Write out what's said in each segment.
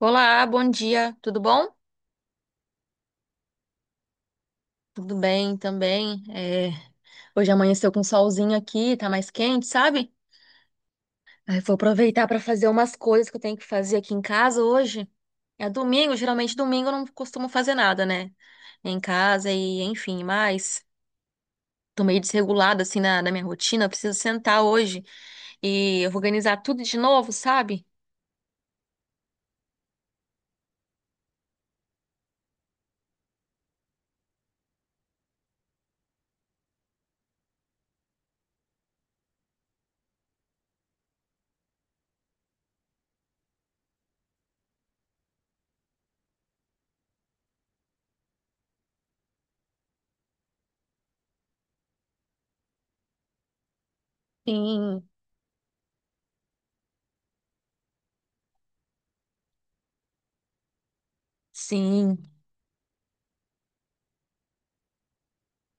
Olá, bom dia, tudo bom? Tudo bem também. Hoje amanheceu com solzinho aqui, tá mais quente, sabe? Aí vou aproveitar para fazer umas coisas que eu tenho que fazer aqui em casa hoje. É domingo, geralmente domingo eu não costumo fazer nada, né? Em casa e enfim, mas tô meio desregulada assim na minha rotina. Eu preciso sentar hoje e organizar tudo de novo, sabe? Sim, sim.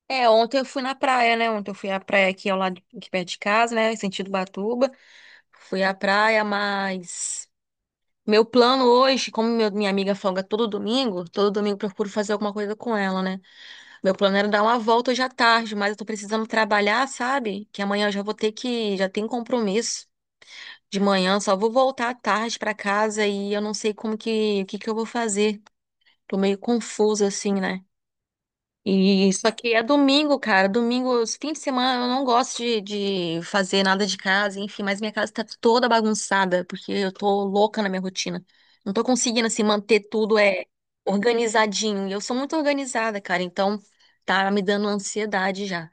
É, ontem eu fui na praia, né? Ontem eu fui à praia aqui ao lado, aqui perto de casa, né? Em sentido Batuba. Fui à praia, mas meu plano hoje, como minha amiga folga todo domingo eu procuro fazer alguma coisa com ela, né? Meu plano era dar uma volta hoje à tarde, mas eu tô precisando trabalhar, sabe? Que amanhã eu já vou ter que, já tem compromisso de manhã, só vou voltar à tarde pra casa e eu não sei como que, o que que eu vou fazer. Tô meio confusa assim, né? E só que é domingo, cara. Domingo, esse fim de semana, eu não gosto de fazer nada de casa, enfim, mas minha casa tá toda bagunçada, porque eu tô louca na minha rotina. Não tô conseguindo, assim, manter tudo organizadinho. E eu sou muito organizada, cara, então tá me dando ansiedade já.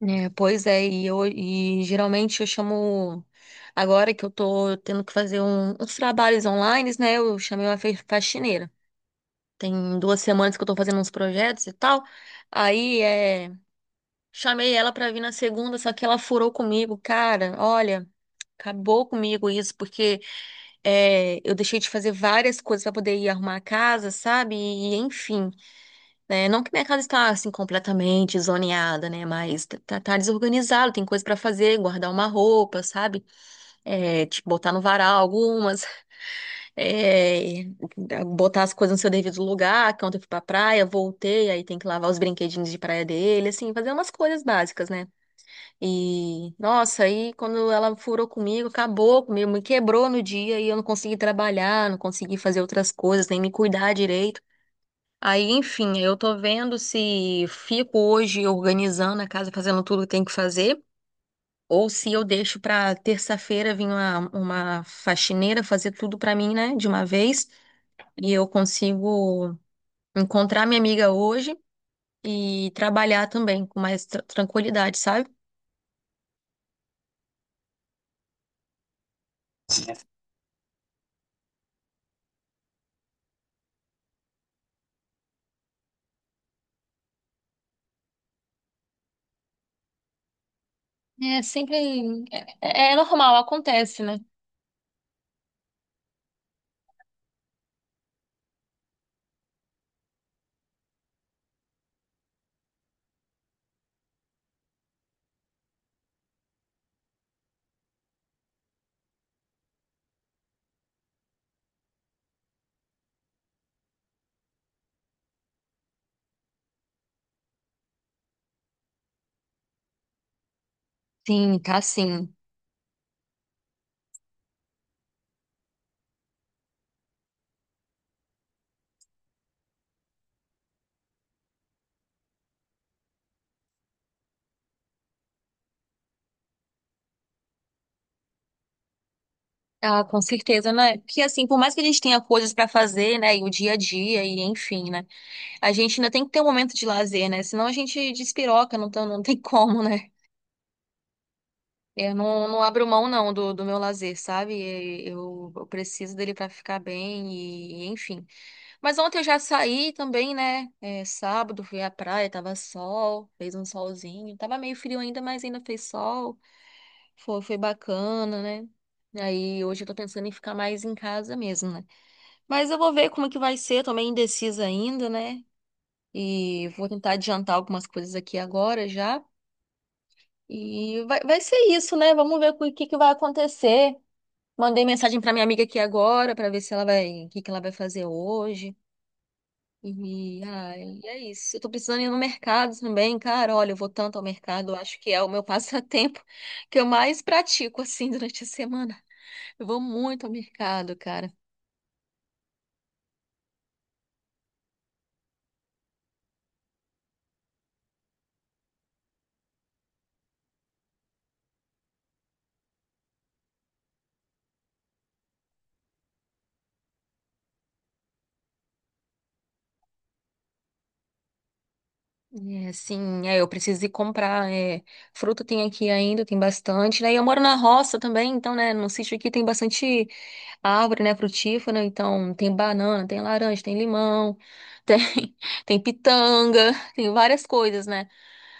É, pois é, e eu geralmente eu chamo agora que eu tô tendo que fazer uns trabalhos online, né? Eu chamei uma faxineira. Tem duas semanas que eu tô fazendo uns projetos e tal. Aí é, Chamei ela pra vir na segunda, só que ela furou comigo, cara. Olha, acabou comigo isso, porque eu deixei de fazer várias coisas pra poder ir arrumar a casa, sabe? E, enfim, né? Não que minha casa está assim completamente zoneada, né? Mas tá desorganizado, tem coisa pra fazer, guardar uma roupa, sabe? É, tipo, botar no varal algumas é, botar as coisas no seu devido lugar, que ontem eu fui pra praia, voltei, aí tem que lavar os brinquedinhos de praia dele, assim, fazer umas coisas básicas, né? E, nossa, aí quando ela furou comigo, acabou comigo, me quebrou no dia e eu não consegui trabalhar, não consegui fazer outras coisas, nem me cuidar direito. Aí, enfim, eu tô vendo se fico hoje organizando a casa, fazendo tudo que tem que fazer, ou se eu deixo pra terça-feira vir uma faxineira fazer tudo pra mim, né, de uma vez. E eu consigo encontrar minha amiga hoje e trabalhar também com mais tranquilidade, sabe? É sempre. É, é normal, acontece, né? Sim, tá sim. Ah, com certeza, né? Porque assim, por mais que a gente tenha coisas pra fazer, né? E o dia a dia, e enfim, né? A gente ainda tem que ter um momento de lazer, né? Senão a gente despiroca, não, não tem como, né? Eu não, não abro mão, não, do meu lazer, sabe? Eu preciso dele pra ficar bem, e enfim. Mas ontem eu já saí também, né? É, sábado fui à praia, tava sol, fez um solzinho. Tava meio frio ainda, mas ainda fez sol. Foi bacana, né? Aí hoje eu tô pensando em ficar mais em casa mesmo, né? Mas eu vou ver como é que vai ser, tô meio indecisa ainda, né? E vou tentar adiantar algumas coisas aqui agora já. E vai ser isso, né? Vamos ver o que que vai acontecer. Mandei mensagem pra minha amiga aqui agora pra ver se ela vai, o que que ela vai fazer hoje. E, ai, é isso. Eu tô precisando ir no mercado também, cara. Olha, eu vou tanto ao mercado, eu acho que é o meu passatempo que eu mais pratico, assim, durante a semana. Eu vou muito ao mercado, cara. É, assim, é, eu preciso ir comprar. É, fruta tem aqui ainda, tem bastante. Daí eu moro na roça também, então, né, no sítio aqui tem bastante árvore, né, frutífera. Então, tem banana, tem laranja, tem limão, tem, tem pitanga, tem várias coisas, né?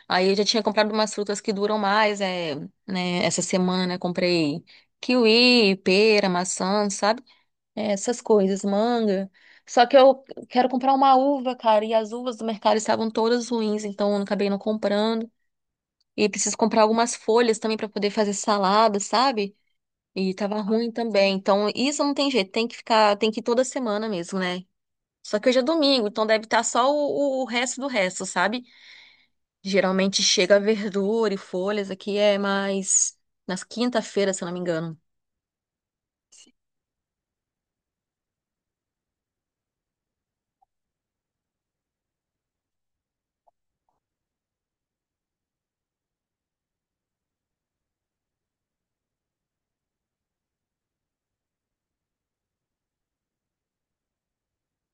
Aí eu já tinha comprado umas frutas que duram mais, é, né? Essa semana eu comprei kiwi, pera, maçã, sabe? É, essas coisas, manga. Só que eu quero comprar uma uva, cara, e as uvas do mercado estavam todas ruins, então eu acabei não comprando. E preciso comprar algumas folhas também para poder fazer salada, sabe? E tava ruim também. Então, isso não tem jeito, tem que ficar, tem que ir toda semana mesmo, né? Só que hoje é domingo, então deve estar só o resto do resto, sabe? Geralmente chega verdura e folhas, aqui é mais nas quinta-feiras, se eu não me engano.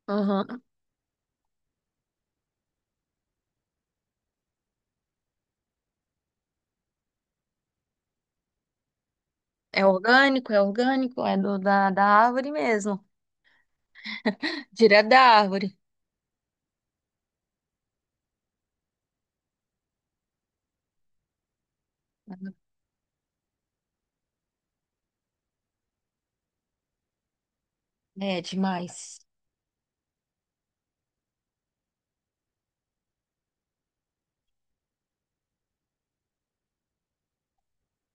Uhum. É orgânico, é orgânico, é da árvore mesmo. Direto da árvore. É demais.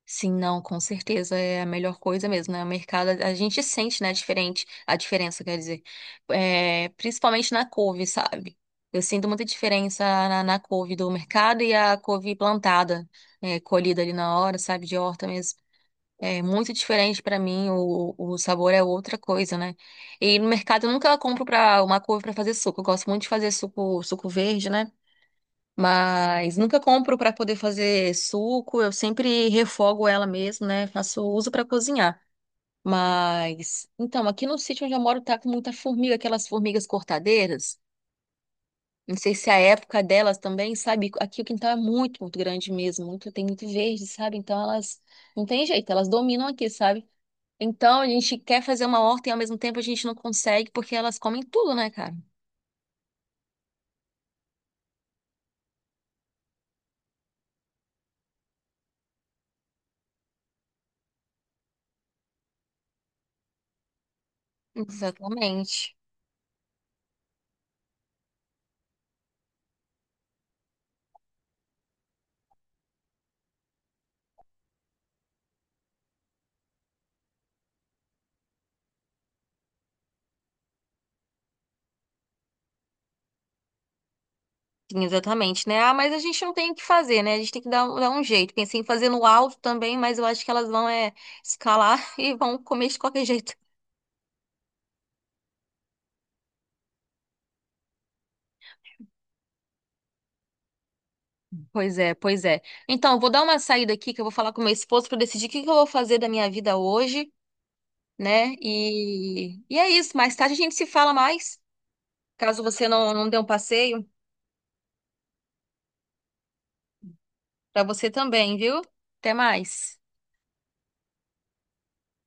Sim, não, com certeza é a melhor coisa mesmo, né? O mercado, a gente sente, né, diferente, a diferença, quer dizer, é, principalmente na couve, sabe? Eu sinto muita diferença na couve do mercado e a couve plantada, é, colhida ali na hora, sabe, de horta mesmo. É muito diferente pra mim, o sabor é outra coisa, né? E no mercado eu nunca compro pra uma couve pra fazer suco. Eu gosto muito de fazer suco, suco verde, né? Mas nunca compro pra poder fazer suco. Eu sempre refogo ela mesmo, né? Faço uso pra cozinhar. Mas então, aqui no sítio onde eu moro tá com muita formiga, aquelas formigas cortadeiras. Não sei se é a época delas também, sabe? Aqui o quintal é muito grande mesmo, muito tem muito verde, sabe? Então elas não tem jeito, elas dominam aqui, sabe? Então, a gente quer fazer uma horta e ao mesmo tempo a gente não consegue porque elas comem tudo, né, cara? Exatamente. Sim, exatamente, né? Ah, mas a gente não tem o que fazer, né? A gente tem que dar, dar um jeito. Pensei em fazer no alto também, mas eu acho que elas vão é, escalar e vão comer de qualquer jeito. Pois é, pois é. Então, eu vou dar uma saída aqui que eu vou falar com meu esposo para decidir o que que eu vou fazer da minha vida hoje, né? E é isso. Mais tarde a gente se fala mais. Caso você não, não dê um passeio, para você também, viu? Até mais.